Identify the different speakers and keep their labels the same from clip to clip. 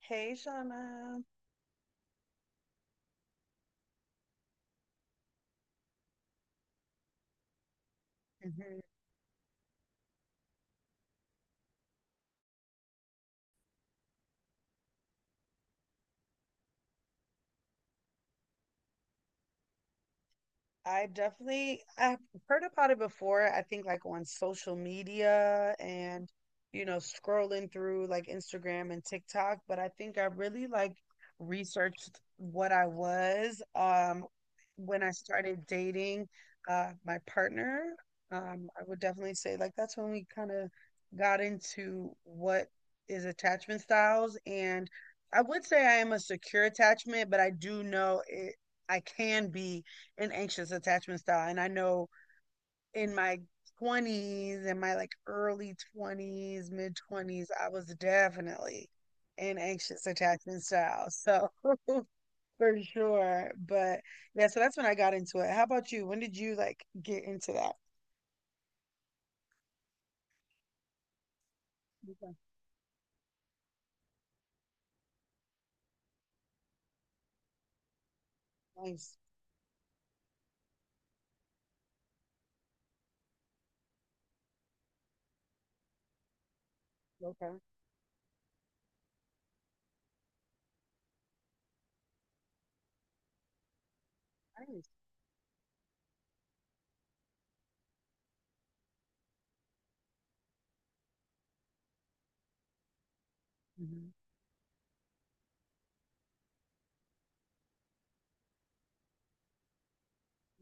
Speaker 1: Hey, Shauna. I've heard about it before. I think like on social media and scrolling through like Instagram and TikTok, but I think I really like researched what I was when I started dating my partner. I would definitely say like that's when we kind of got into what is attachment styles, and I would say I am a secure attachment, but I do know it I can be an anxious attachment style. And I know in my 20s and my like early 20s, mid 20s, I was definitely an anxious attachment style. So for sure. But yeah, so that's when I got into it. How about you? When did you like get into that? Okay. Nice. Okay. Nice. Mm-hmm.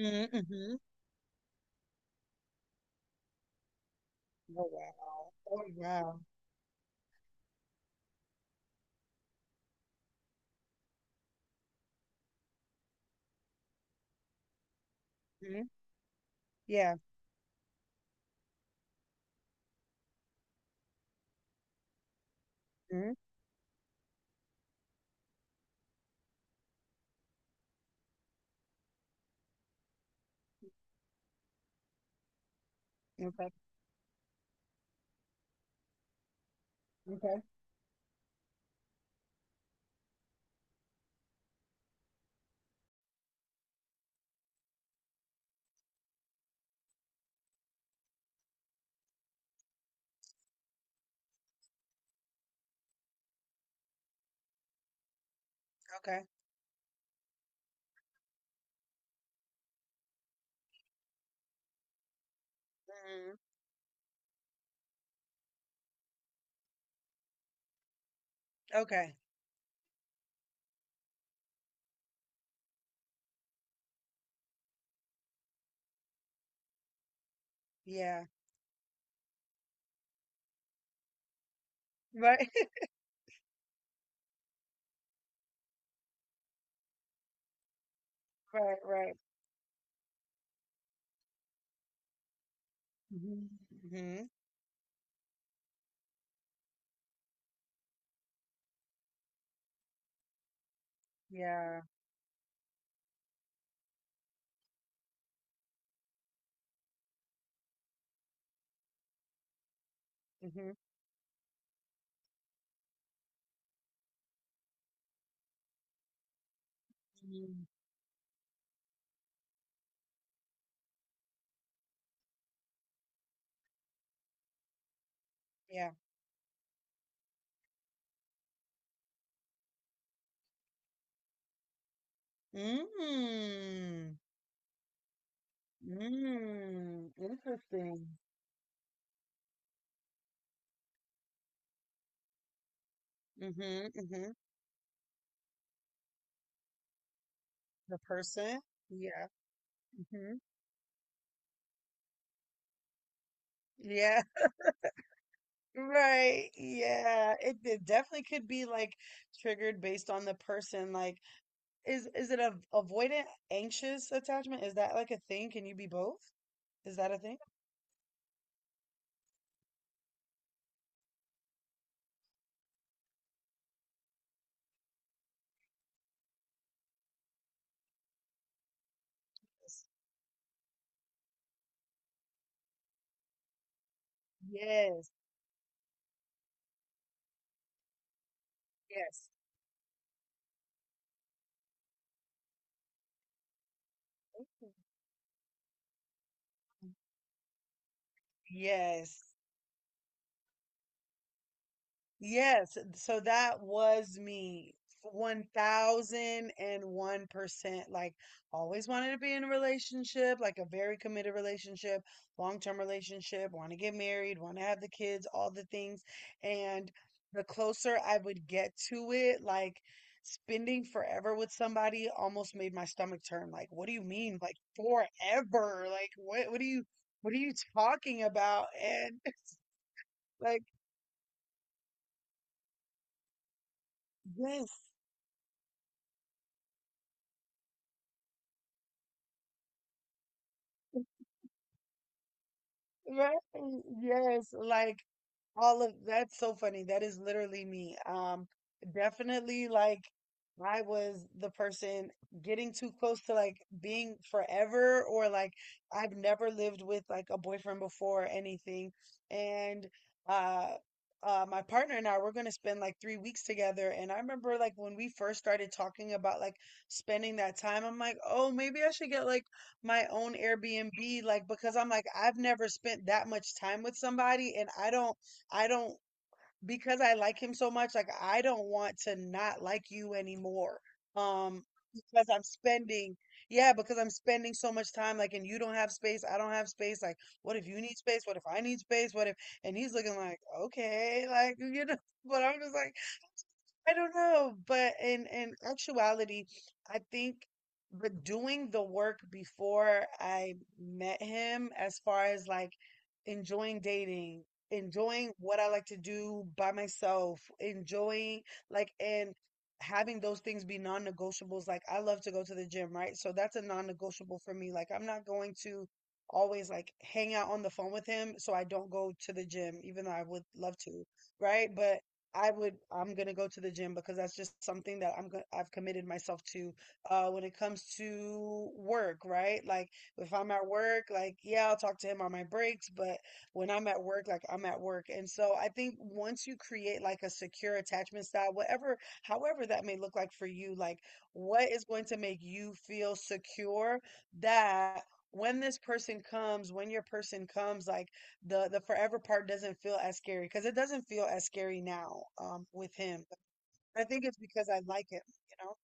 Speaker 1: Mm-hmm. Oh wow. Oh wow. Hmm. Yeah. Hmm. Okay. Okay. Okay. Hmm. Okay. Yeah. Right. Right. Right. Mhm. Mhm. Yeah. Mhm. Mm. Yeah. Mm. Mm. Interesting. Mhm. Mhm. The person. Yeah. Mhm. Yeah. Right. Yeah. It definitely could be like triggered based on the person. Like, is it a avoidant, anxious attachment? Is that like a thing? Can you be both? Is that a thing? Yes. Yes. Yes. Yes, so that was me. 1001%. Like, always wanted to be in a relationship, like a very committed relationship, long-term relationship, want to get married, want to have the kids, all the things. And the closer I would get to it, like spending forever with somebody almost made my stomach turn. Like, what do you mean? Like forever? Like, what are you talking about? And like, yes. Right? Yes, like all of that's so funny. That is literally me. Definitely like I was the person getting too close to like being forever, or like I've never lived with like a boyfriend before or anything. And uh my partner and I we're gonna spend like 3 weeks together. And I remember like when we first started talking about like spending that time, I'm like, oh, maybe I should get like my own Airbnb, like, because I'm like I've never spent that much time with somebody, and I don't, because I like him so much, like I don't want to not like you anymore, um because I'm spending, yeah, because I'm spending so much time, like, and you don't have space, I don't have space, like what if you need space, what if I need space, what if, and he's looking like, okay, like. But I'm just like, I don't know, but in actuality, I think, but doing the work before I met him, as far as like enjoying dating, enjoying what I like to do by myself, enjoying, like, and having those things be non-negotiables. Like, I love to go to the gym, right? So that's a non-negotiable for me. Like, I'm not going to always like hang out on the phone with him, so I don't go to the gym, even though I would love to, right? But I'm gonna go to the gym because that's just something that I've committed myself to. When it comes to work, right? Like if I'm at work, like, yeah, I'll talk to him on my breaks, but when I'm at work, like, I'm at work. And so I think once you create like a secure attachment style, whatever, however that may look like for you, like what is going to make you feel secure that when this person comes, when your person comes, like the forever part doesn't feel as scary because it doesn't feel as scary now with him. I think it's because I like him, you know.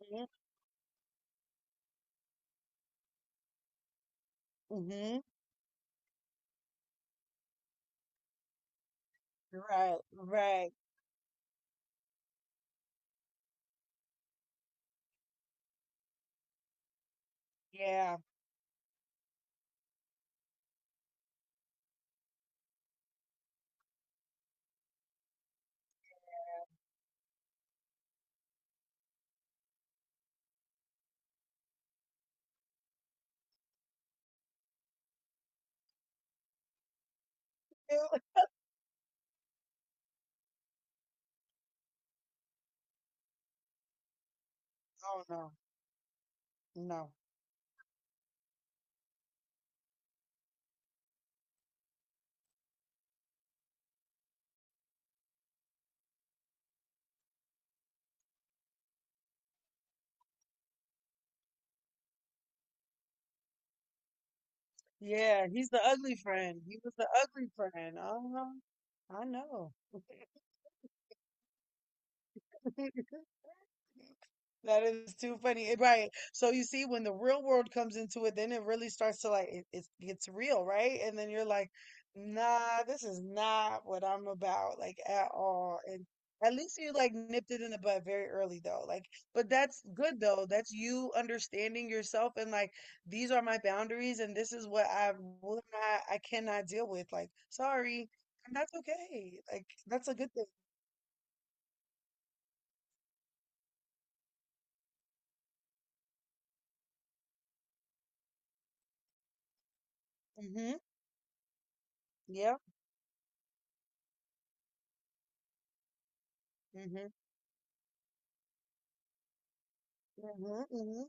Speaker 1: Mhm. Mhm. Mhm. Right. Right. Yeah. Ew. Oh no. No. Yeah, he's the ugly friend. He was the ugly friend. Uh-huh. I know. That is too funny. Right. So you see, when the real world comes into it, then it really starts to like it gets real, right? And then you're like, nah, this is not what I'm about, like at all. And at least you like nipped it in the bud very early though. Like, but that's good though. That's you understanding yourself and like these are my boundaries, and this is what I will not, I cannot deal with. Like, sorry. And that's okay. Like, that's a good thing. Mm-hmm. Yeah. Mm-hmm. Mm-hmm. Mm-hmm.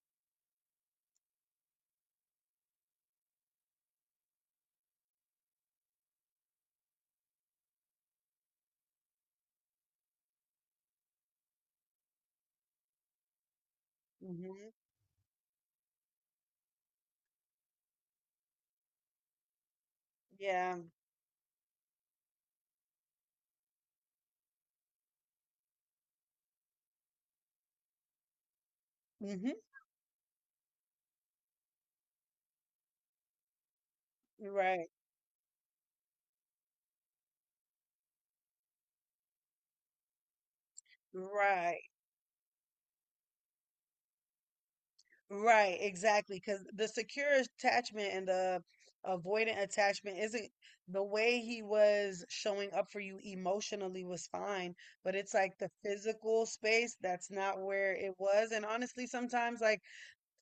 Speaker 1: Mhm. Yeah. Mhm. Right. Right. Right. Exactly. Because the secure attachment and the avoidant attachment isn't, the way he was showing up for you emotionally was fine, but it's like the physical space that's not where it was. And honestly, sometimes like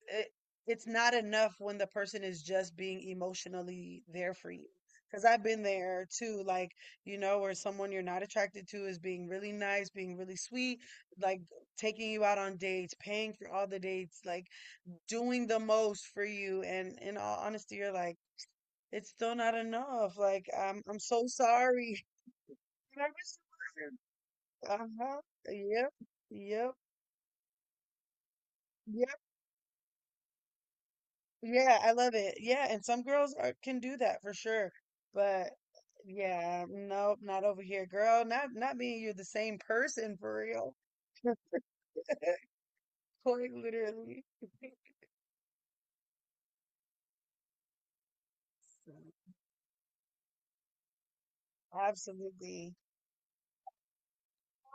Speaker 1: it, it's not enough when the person is just being emotionally there for you. Because I've been there too, like, where someone you're not attracted to is being really nice, being really sweet, like taking you out on dates, paying for all the dates, like doing the most for you. And in all honesty, you're like, it's still not enough. Like, I'm so sorry. And I wish it wasn't. Uh-huh. Yep. Yep. Yeah, I love it. Yeah, and some girls can do that for sure. But yeah, nope, not over here, girl. Not me, and you're the same person for real. Quite literally. Absolutely.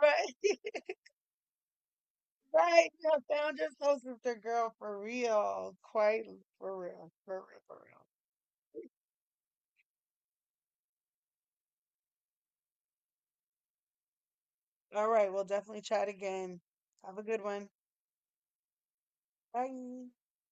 Speaker 1: Right. Right. Found your soul sister girl for real. Quite for real. For real, for real. All right, we'll definitely chat again. Have a good one. Bye.